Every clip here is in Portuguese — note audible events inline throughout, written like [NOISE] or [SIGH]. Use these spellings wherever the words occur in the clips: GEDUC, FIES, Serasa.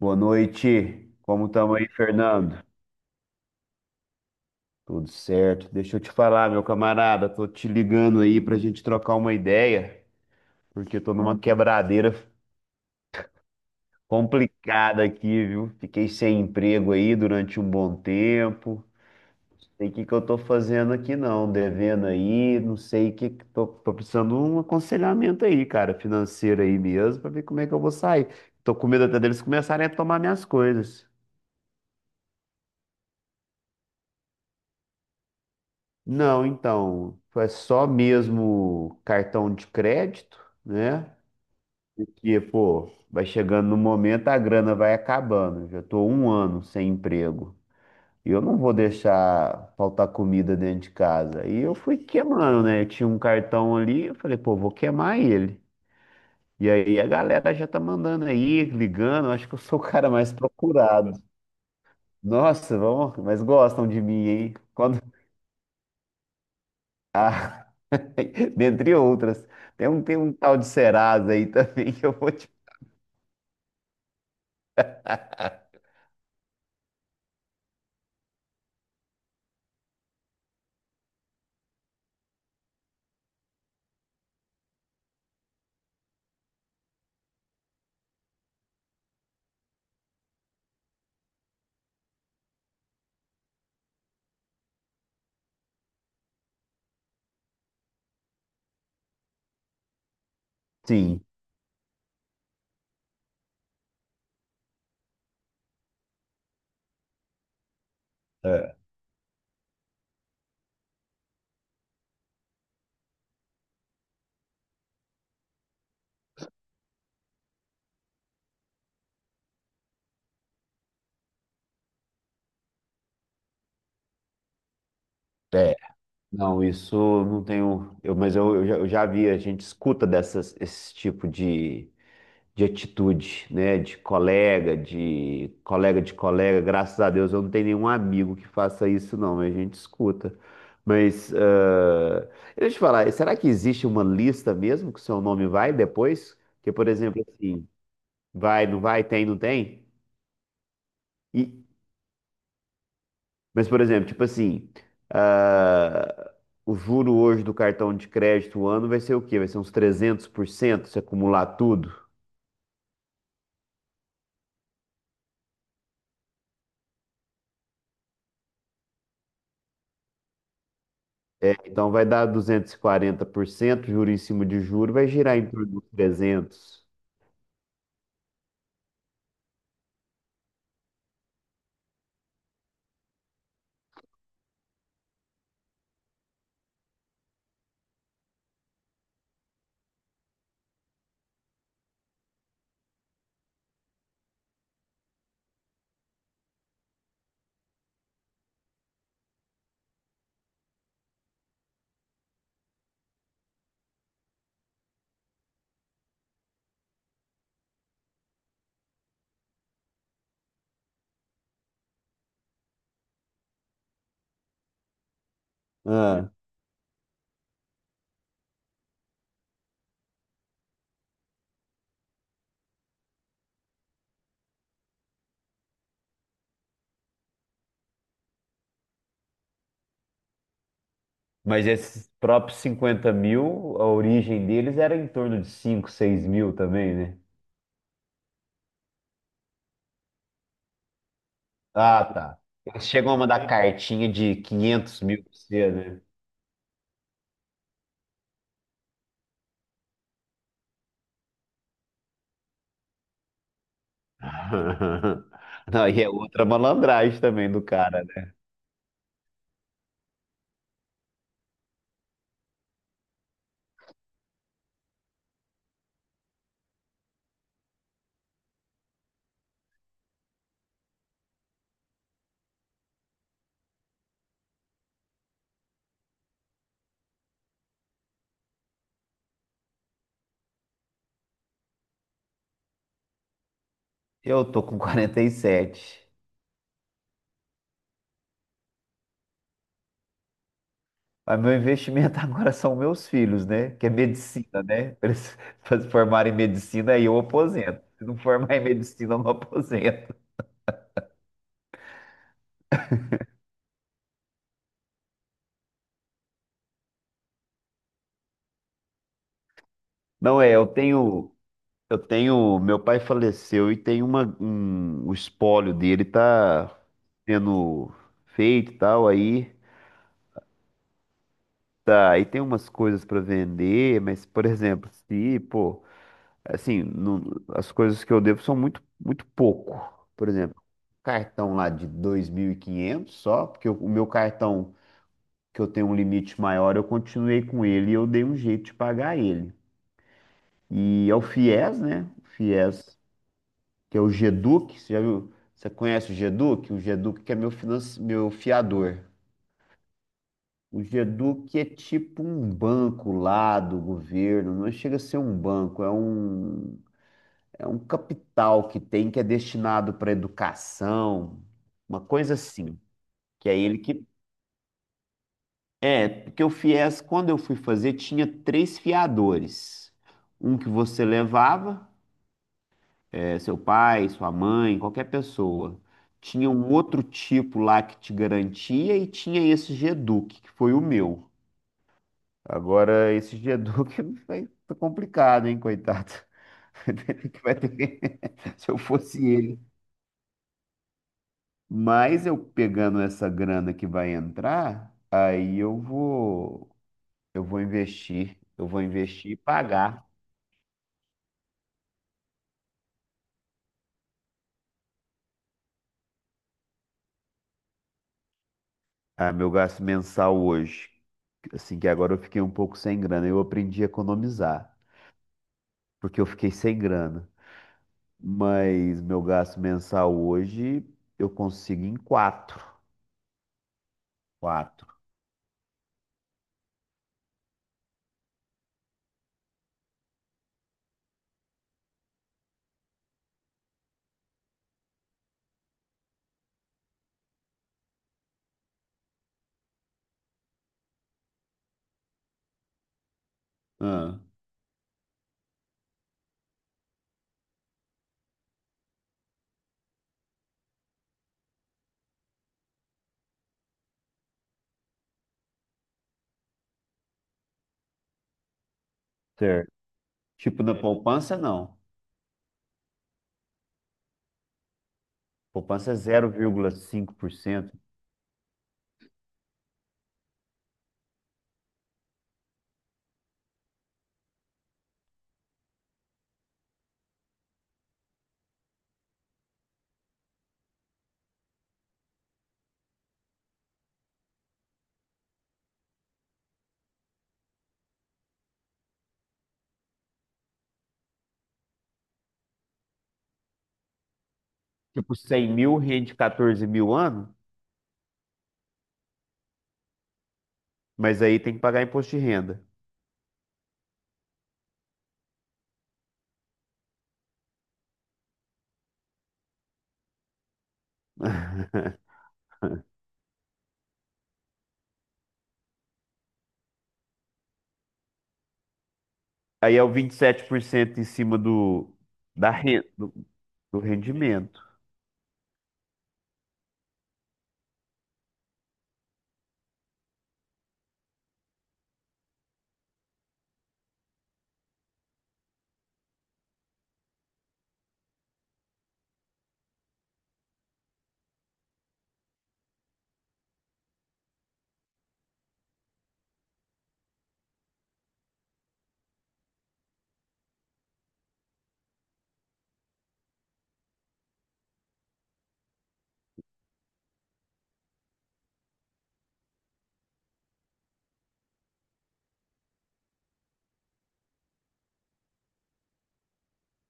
Boa noite. Como estamos aí, Fernando? Tudo certo. Deixa eu te falar, meu camarada, tô te ligando aí pra gente trocar uma ideia, porque tô numa quebradeira complicada aqui, viu? Fiquei sem emprego aí durante um bom tempo. Sei o que que eu tô fazendo aqui não, devendo aí, não sei o que que tô precisando de um aconselhamento aí, cara, financeiro aí mesmo, pra ver como é que eu vou sair. Tô com medo até deles começarem a tomar minhas coisas. Não, então, foi só mesmo cartão de crédito, né? Porque, pô, vai chegando no momento, a grana vai acabando. Já tô um ano sem emprego. E eu não vou deixar faltar comida dentro de casa. E eu fui queimando, né? Eu tinha um cartão ali, eu falei, pô, vou queimar ele. E aí a galera já tá mandando aí, ligando. Eu Acho que eu sou o cara mais procurado. Nossa, vamos, mas gostam de mim, hein? Quando... [LAUGHS] Ah. [LAUGHS] Dentre outras. Tem um tal de Serasa aí também que eu vou te. [LAUGHS] Sim. É. É. Não, isso eu não tenho. Mas eu já vi, a gente escuta dessas, esse tipo de atitude, né? De colega, de colega de colega. Graças a Deus eu não tenho nenhum amigo que faça isso, não, mas a gente escuta. Mas ah, deixa eu te falar, será que existe uma lista mesmo que o seu nome vai depois? Que, por exemplo, assim, vai, não vai, tem, não tem? E- mas, por exemplo, tipo assim, ah, o juro hoje do cartão de crédito o ano vai ser o quê? Vai ser uns 300% se acumular tudo? É, então vai dar 240% juro em cima de juro, vai girar em torno de trezentos. Ah, mas esses próprios 50 mil, a origem deles era em torno de 5, 6 mil também, né? Ah, tá. Eles chegam a mandar cartinha de quinhentos mil pra você, né? [LAUGHS] Não, e é outra malandragem também do cara. Eu tô com 47. Mas meu investimento [LAUGHS] agora são meus filhos, né? Que é medicina, né? Pra eles [LAUGHS] pra se formarem em medicina, aí eu aposento. Se não formar em medicina, eu não aposento. Não é, eu tenho, meu pai faleceu e tem o espólio dele tá sendo feito e tal, aí tá, aí tem umas coisas para vender, mas por exemplo, se, pô, Assim, não- as coisas que eu devo são muito, muito pouco. Por exemplo, cartão lá de 2.500 só, porque o meu cartão, que eu tenho um limite maior, eu continuei com ele e eu dei um jeito de pagar ele. E é o FIES, né? O FIES, que é o GEDUC. Você já viu? Você conhece o GEDUC? O GEDUC que é meu, meu fiador. O GEDUC é tipo um banco lá do governo, não chega a ser um banco, é um. É um capital que tem que é destinado para educação, uma coisa assim. Que é ele que. É, porque o FIES, quando eu fui fazer, tinha três fiadores. Um que você levava, é, seu pai, sua mãe, qualquer pessoa. Tinha um outro tipo lá que te garantia e tinha esse Geduc, que foi o meu. Agora, esse Geduc [LAUGHS] tá complicado, hein, coitado. [LAUGHS] Vai ter que- [LAUGHS] Se eu fosse ele. Mas eu pegando essa grana que vai entrar, aí eu vou investir e pagar. Ah, meu gasto mensal hoje. Assim que agora eu fiquei um pouco sem grana, eu aprendi a economizar, porque eu fiquei sem grana. Mas meu gasto mensal hoje eu consigo em quatro, quatro. Ah, certo. Tipo na poupança não. Poupança é 0,5%. Tipo 100 mil rende 14 mil ano. Mas aí tem que pagar imposto de renda. [LAUGHS] Aí é o 27% em cima do, da renda, do, do rendimento.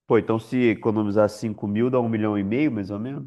Pô, então se economizar 5 mil, dá um milhão e meio, mais ou menos?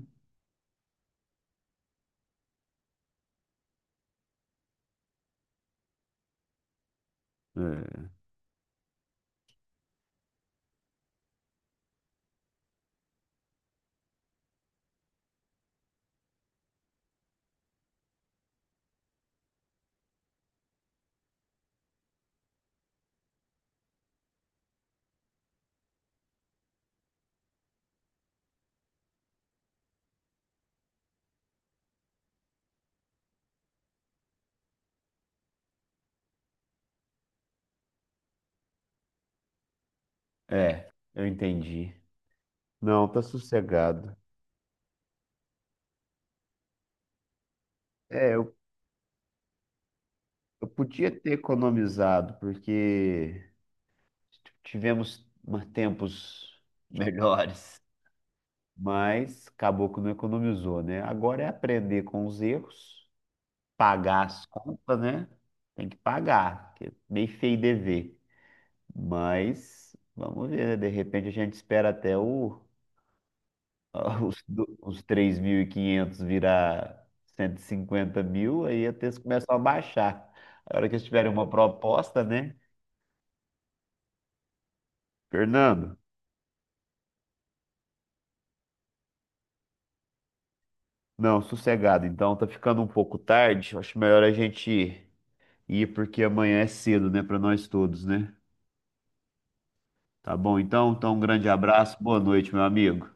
É, é, eu entendi. Não, tá sossegado. É, eu, eu podia ter economizado, porque tempos melhores, mas acabou que não economizou, né? Agora é aprender com os erros pagar as contas, né? Tem que pagar, porque é meio feio dever. Mas vamos ver, né? De repente a gente espera até [LAUGHS] os 3.500 virar 150 mil, aí até eles começam a baixar. A hora que eles tiverem uma proposta, né? Fernando, não, sossegado. Então tá ficando um pouco tarde. Acho melhor a gente ir porque amanhã é cedo, né? Para nós todos, né? Tá bom, então, então um grande abraço, boa noite, meu amigo.